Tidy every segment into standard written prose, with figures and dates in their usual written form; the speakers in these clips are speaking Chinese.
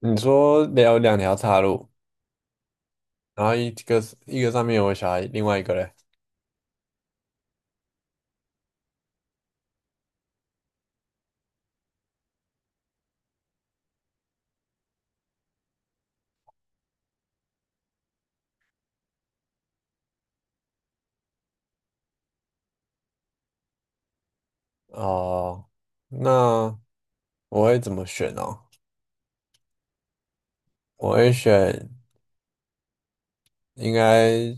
你说有两条岔路，然后一个是一个上面有我小孩，另外一个嘞，哦，那我会怎么选呢？我会选，应该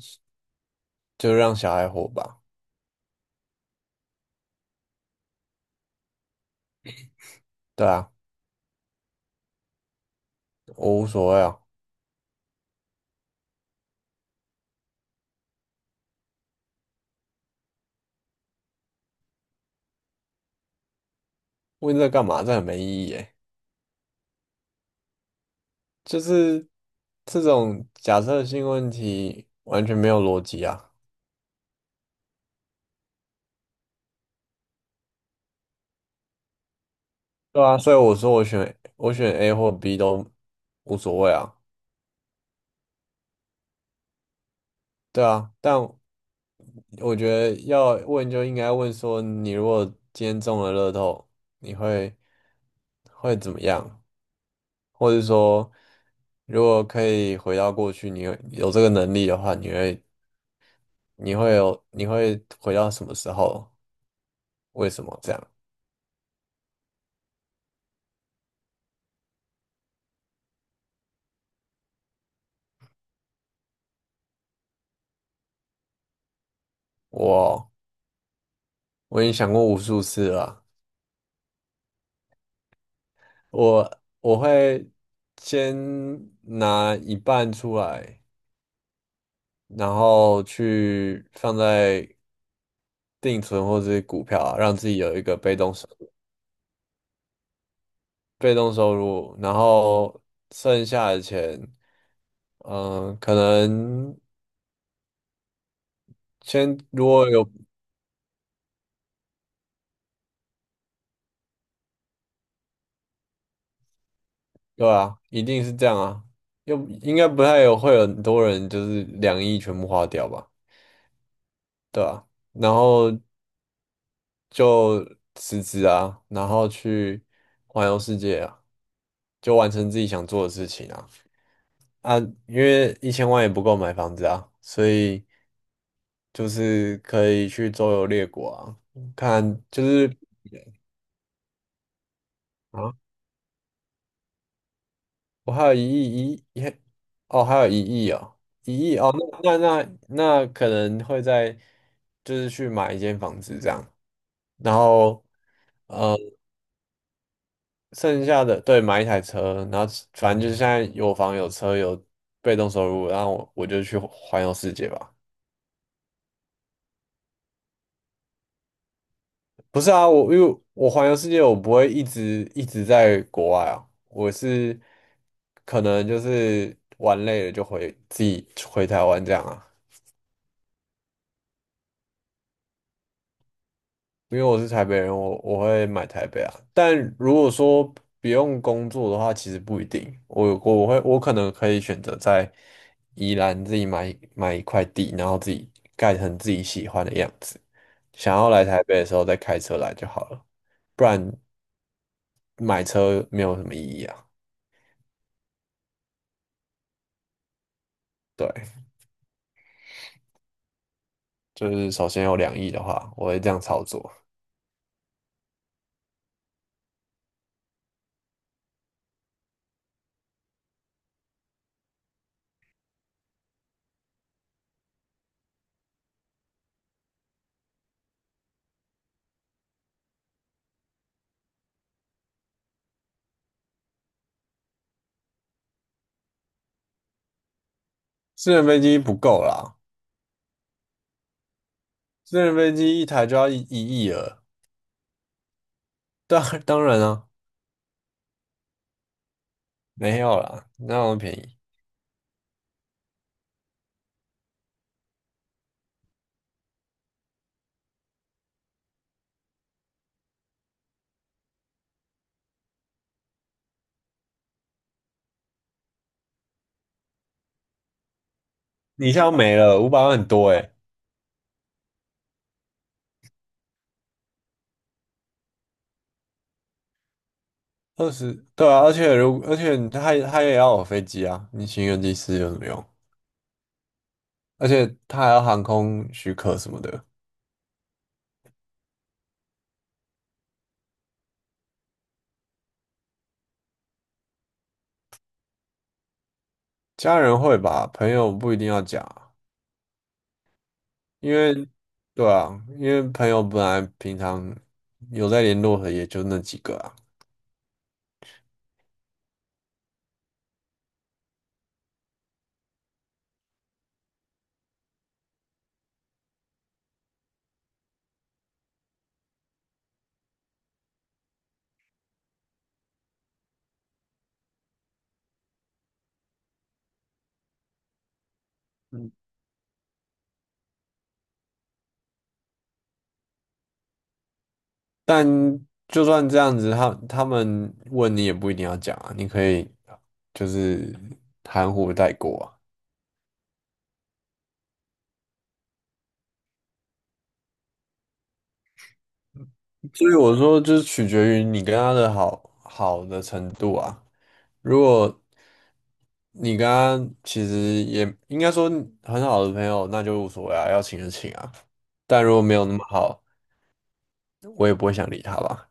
就让小孩活吧。对啊，我无所谓啊。问这干嘛？这很没意义诶。就是这种假设性问题完全没有逻辑啊。对啊，所以我说我选 A 或 B 都无所谓啊。对啊，但我觉得要问就应该问说，你如果今天中了乐透，你会怎么样？或者说，如果可以回到过去，你有这个能力的话，你会回到什么时候？为什么这样？我我已经想过无数次了啊，我会先拿一半出来。然后去放在定存或者是股票啊，让自己有一个被动。被动收入，然后剩下的钱，嗯、可能先如果有，对啊，一定是这样啊，又应该不太有会有很多人就是两亿全部花掉吧，对啊，然后就辞职啊，然后去环游世界啊，就完成自己想做的事情啊，啊，因为一千万也不够买房子啊，所以就是可以去周游列国啊，看就是。我还有一亿，哦，还有一亿哦，一亿哦，那可能会在就是去买一间房子这样，然后呃，剩下的对买一台车，然后反正就是现在有房有车有被动收入，然后我就去环游世界吧。不是啊，我因为我环游世界，我不会一直在国外啊，我是可能就是玩累了就回自己回台湾这样啊。因为我是台北人，我会买台北啊。但如果说不用工作的话，其实不一定。我可能可以选择在宜兰自己买一块地，然后自己盖成自己喜欢的样子。想要来台北的时候再开车来就好了，不然买车没有什么意义啊。对，就是首先有两亿的话，我会这样操作。私人飞机不够啦，私人飞机一台就要一亿了。当然啊，没有啦，那么便宜？你一下就没了，五百万很多哎，二十，对啊，而且他也要有飞机啊，你请一个机师有什么用？而且他还要航空许可什么的，家人会吧，朋友不一定要讲啊，因为对啊，因为朋友本来平常有在联络的也就那几个啊，嗯，但就算这样子，他们问你也不一定要讲啊，你可以就是含糊带过啊。所以我说，就是取决于你跟他的好的程度啊。如果你跟他其实也应该说很好的朋友，那就无所谓啊，要请就请啊。但如果没有那么好，我也不会想理他吧。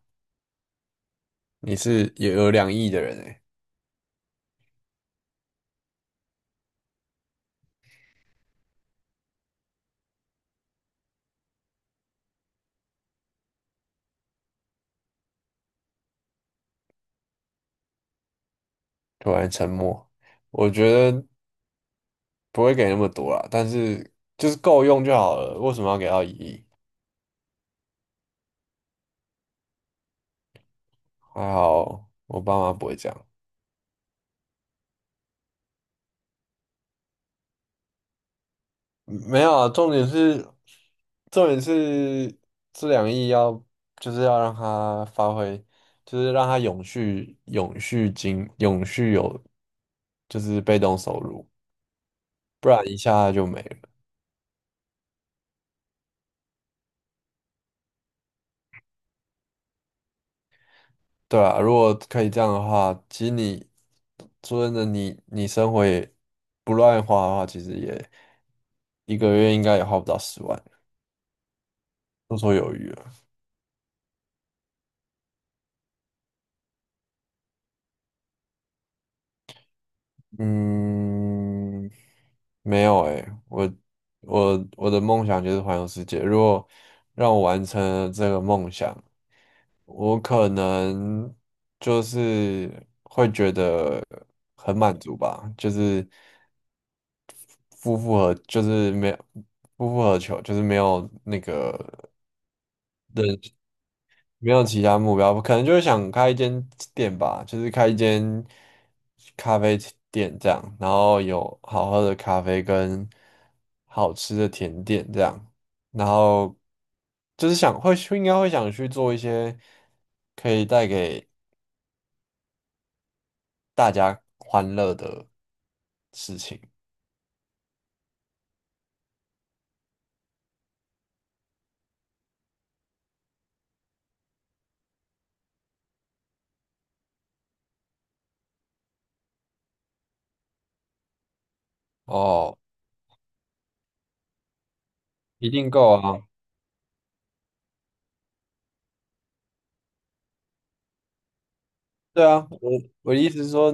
你是也有两亿的人诶，突然沉默，我觉得不会给那么多啦，但是就是够用就好了，为什么要给到一亿？还好我爸妈不会这样。没有啊，重点是这两亿要就是要让它发挥，就是让它永续有就是被动收入，不然一下就没了。对啊，如果可以这样的话，其实你说真的你，你生活也不乱花的话，其实也一个月应该也花不到十万，绰绰有余了。嗯，没有诶，我我的梦想就是环游世界。如果让我完成了这个梦想，我可能就是会觉得很满足吧，就是夫复何，就是没有夫复何求，就是没有其他目标，可能就是想开一间店吧，就是开一间咖啡店这样，然后有好喝的咖啡跟好吃的甜点这样，然后就是想会应该会想去做一些可以带给大家欢乐的事情。哦，一定够啊，对啊，我的意思是说，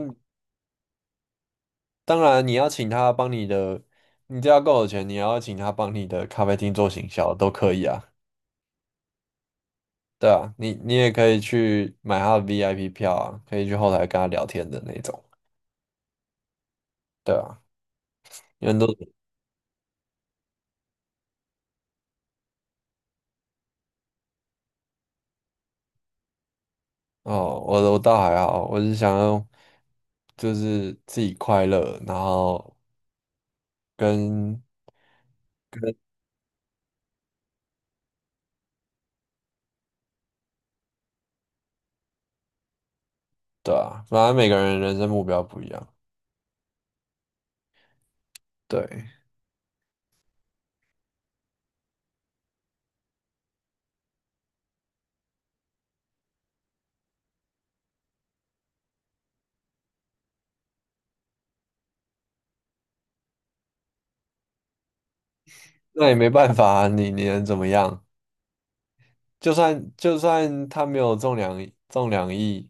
当然你要请他帮你的，你只要够有钱，你要请他帮你的咖啡厅做行销都可以啊。对啊，你也可以去买他的 VIP 票啊，可以去后台跟他聊天的那种。对啊，因为都哦，我倒还好，我是想要就是自己快乐，然后跟对啊，反正每个人人生目标不一样，对，那也没办法啊，你能怎么样？就算他没有中两亿，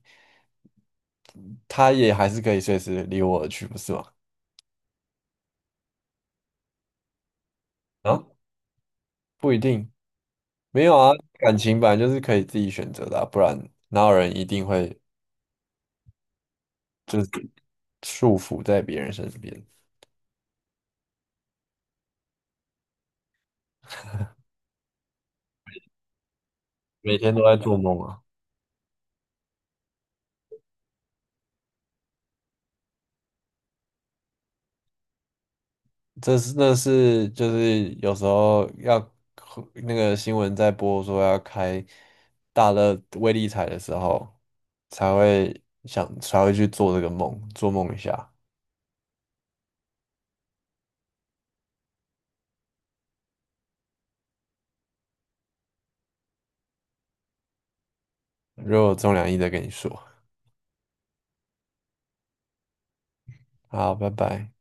他也还是可以随时离我而去，不是吗？啊，不一定。没有啊，感情本来就是可以自己选择的啊，不然哪有人一定会就是束缚在别人身边，每天都在做梦啊。那是就是有时候要那个新闻在播说要开大乐威力彩的时候，才会去做这个梦，做梦一下。如果有中两亿再跟你说，好，拜拜。